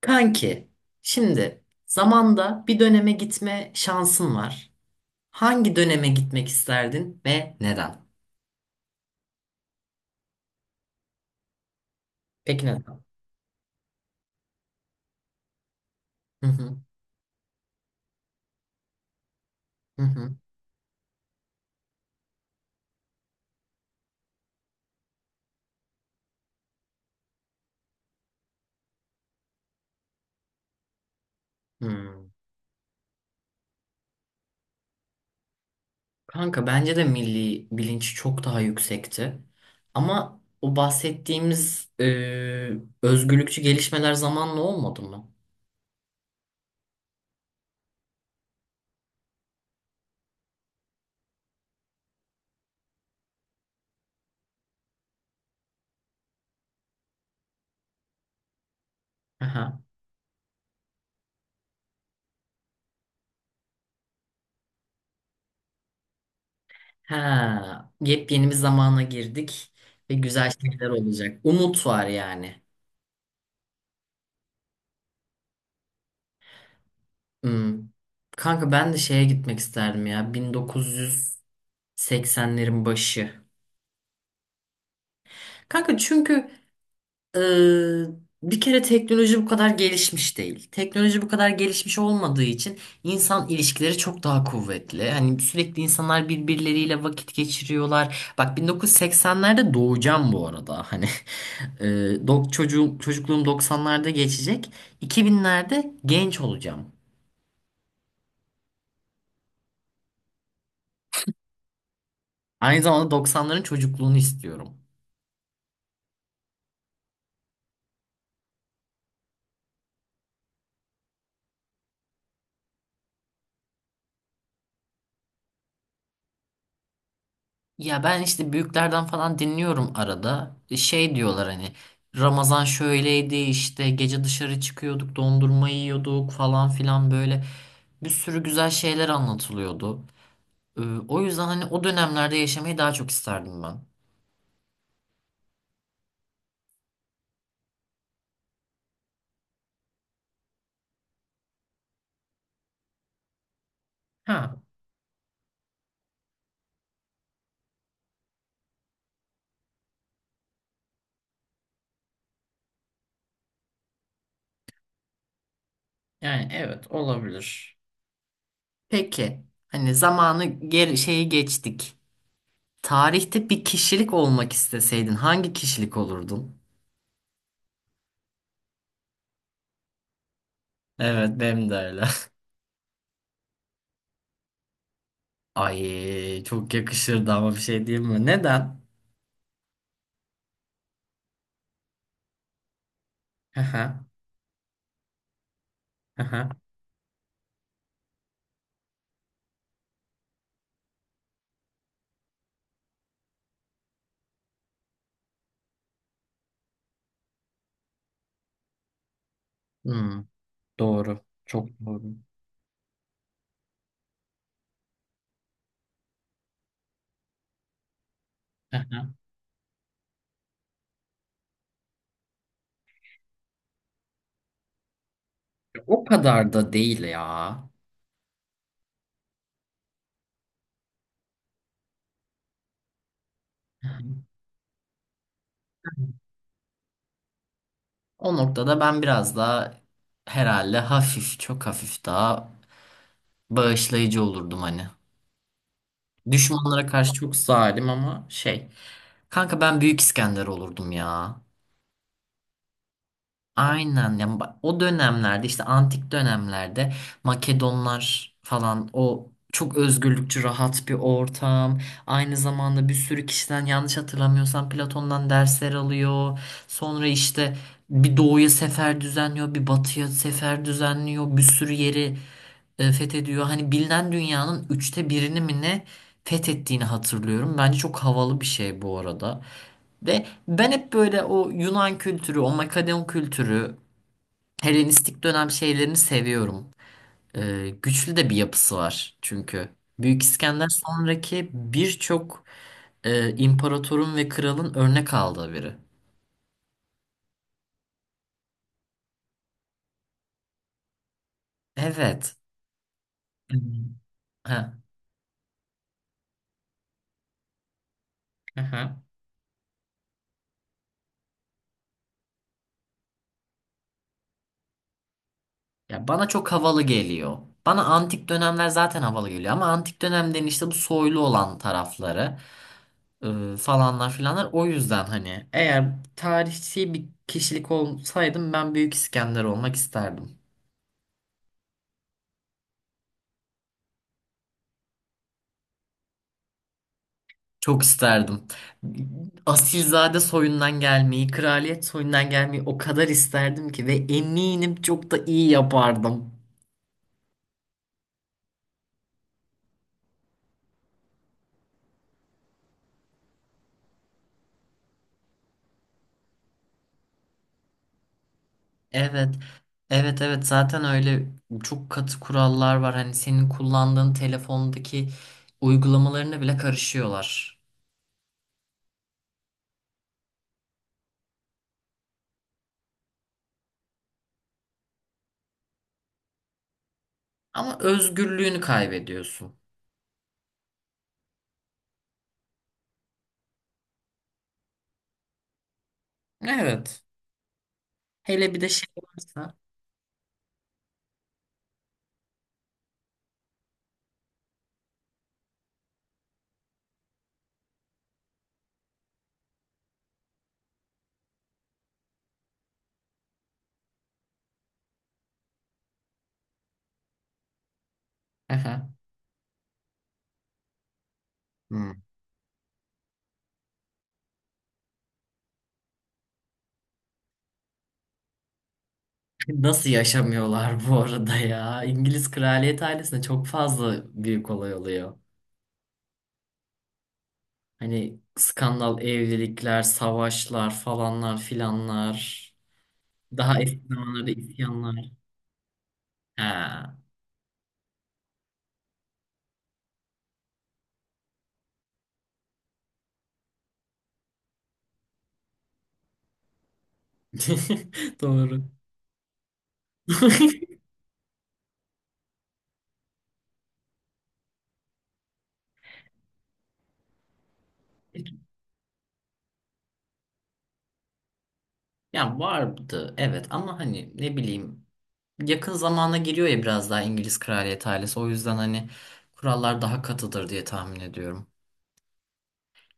Kanki, şimdi zamanda bir döneme gitme şansın var. Hangi döneme gitmek isterdin ve neden? Peki neden? Hı hı, hı hı. Hmm. Kanka bence de milli bilinç çok daha yüksekti. Ama o bahsettiğimiz özgürlükçü gelişmeler zamanla olmadı mı? Aha. Ha, yepyeni bir zamana girdik ve güzel şeyler olacak. Umut var yani. Hmm. Kanka ben de şeye gitmek isterdim ya 1980'lerin başı. Kanka çünkü e, bir kere teknoloji bu kadar gelişmiş değil. Teknoloji bu kadar gelişmiş olmadığı için insan ilişkileri çok daha kuvvetli. Hani sürekli insanlar birbirleriyle vakit geçiriyorlar. Bak 1980'lerde doğacağım bu arada. Hani e, çocuğum, çocukluğum 90'larda geçecek. 2000'lerde genç olacağım. Aynı zamanda 90'ların çocukluğunu istiyorum. Ya ben işte büyüklerden falan dinliyorum arada. Şey diyorlar hani Ramazan şöyleydi, işte gece dışarı çıkıyorduk, dondurma yiyorduk falan filan, böyle bir sürü güzel şeyler anlatılıyordu. E, O yüzden hani o dönemlerde yaşamayı daha çok isterdim ben. Ha, yani evet, olabilir. Peki hani zamanı geri şeyi geçtik. Tarihte bir kişilik olmak isteseydin hangi kişilik olurdun? Evet benim de öyle. Ay çok yakışırdı ama bir şey diyeyim mi? Neden? Hı hı, hı hı. Hmm, doğru. Çok doğru. Hı hı. O kadar da değil ya. Hı hı. O noktada ben biraz daha herhalde hafif, çok hafif daha bağışlayıcı olurdum hani. Düşmanlara karşı çok zalim ama şey. Kanka ben Büyük İskender olurdum ya. Aynen yani o dönemlerde, işte antik dönemlerde Makedonlar falan, o çok özgürlükçü rahat bir ortam. Aynı zamanda bir sürü kişiden, yanlış hatırlamıyorsam Platon'dan dersler alıyor. Sonra işte bir doğuya sefer düzenliyor, bir batıya sefer düzenliyor. Bir sürü yeri fethediyor. Hani bilinen dünyanın üçte birini mi ne fethettiğini hatırlıyorum. Bence çok havalı bir şey bu arada. Ve ben hep böyle o Yunan kültürü, o Makedon kültürü, Helenistik dönem şeylerini seviyorum. Güçlü de bir yapısı var çünkü. Büyük İskender sonraki birçok imparatorun ve kralın örnek aldığı biri. Evet. Hmm. Ha. Aha. Ya bana çok havalı geliyor. Bana antik dönemler zaten havalı geliyor, ama antik dönemden işte bu soylu olan tarafları, falanlar filanlar, o yüzden hani eğer tarihçi bir kişilik olsaydım ben Büyük İskender olmak isterdim. Çok isterdim. Asilzade soyundan gelmeyi, kraliyet soyundan gelmeyi o kadar isterdim ki, ve eminim çok da iyi yapardım. Evet. Evet, evet, zaten öyle, çok katı kurallar var. Hani senin kullandığın telefondaki uygulamalarına bile karışıyorlar. Ama özgürlüğünü kaybediyorsun. Evet. Hele bir de şey varsa. Aha. Hmm. Nasıl yaşamıyorlar bu arada ya? İngiliz kraliyet ailesinde çok fazla büyük olay oluyor. Hani skandal evlilikler, savaşlar, falanlar filanlar. Daha eski zamanlarda isyanlar. Ha. Doğru. Ya vardı evet, ama hani ne bileyim, yakın zamana giriyor ya biraz daha İngiliz kraliyet ailesi. O yüzden hani kurallar daha katıdır diye tahmin ediyorum.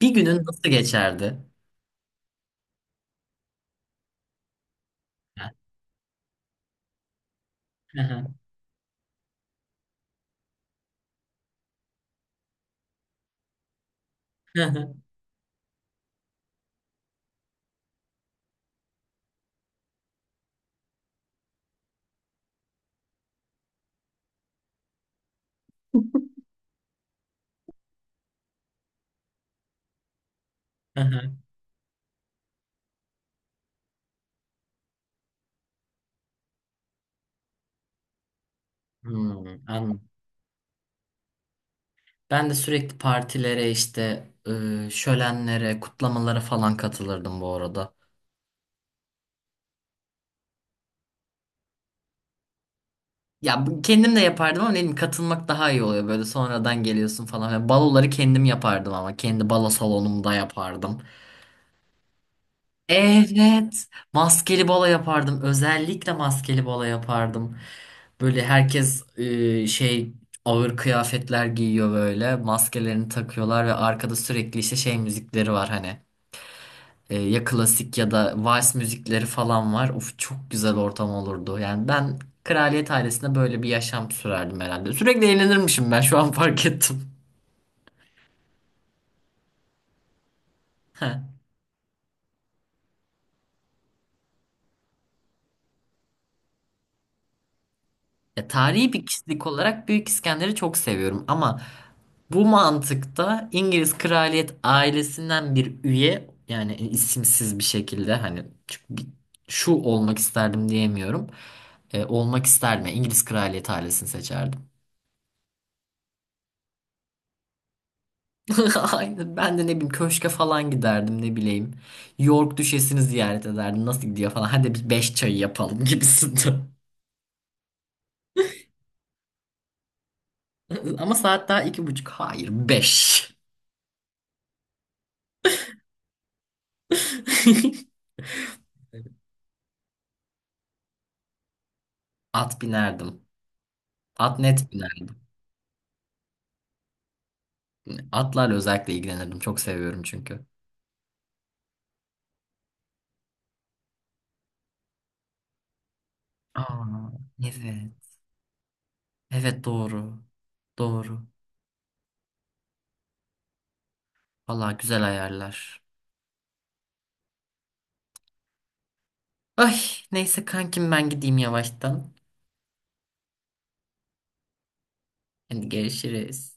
Bir günün nasıl geçerdi? Hmm, anladım. Ben de sürekli partilere, işte şölenlere, kutlamalara falan katılırdım bu arada. Ya kendim de yapardım ama dedim katılmak daha iyi oluyor, böyle sonradan geliyorsun falan. Yani baloları kendim yapardım ama kendi balo salonumda yapardım. Evet, maskeli balo yapardım. Özellikle maskeli balo yapardım. Böyle herkes ağır kıyafetler giyiyor böyle. Maskelerini takıyorlar ve arkada sürekli işte şey müzikleri var hani. Ya klasik ya da vals müzikleri falan var. Of, çok güzel ortam olurdu. Yani ben kraliyet ailesinde böyle bir yaşam sürerdim herhalde. Sürekli eğlenirmişim, ben şu an fark ettim. Heh. Ya, tarihi bir kişilik olarak Büyük İskender'i çok seviyorum ama bu mantıkta İngiliz kraliyet ailesinden bir üye, yani isimsiz bir şekilde, hani çünkü şu olmak isterdim diyemiyorum. Olmak isterdim. Yani İngiliz kraliyet ailesini seçerdim. Aynen. Ben de ne bileyim köşke falan giderdim, ne bileyim. York Düşesi'ni ziyaret ederdim. Nasıl gidiyor falan. Hadi biz beş çayı yapalım gibisinden. Ama saat daha iki buçuk. Hayır, 5. At binerdim. At net binerdim. Atlarla özellikle ilgilenirdim. Çok seviyorum çünkü. Aa, evet. Evet, doğru. Doğru. Vallahi güzel ayarlar. Ay, neyse kankim, ben gideyim yavaştan. Hadi görüşürüz.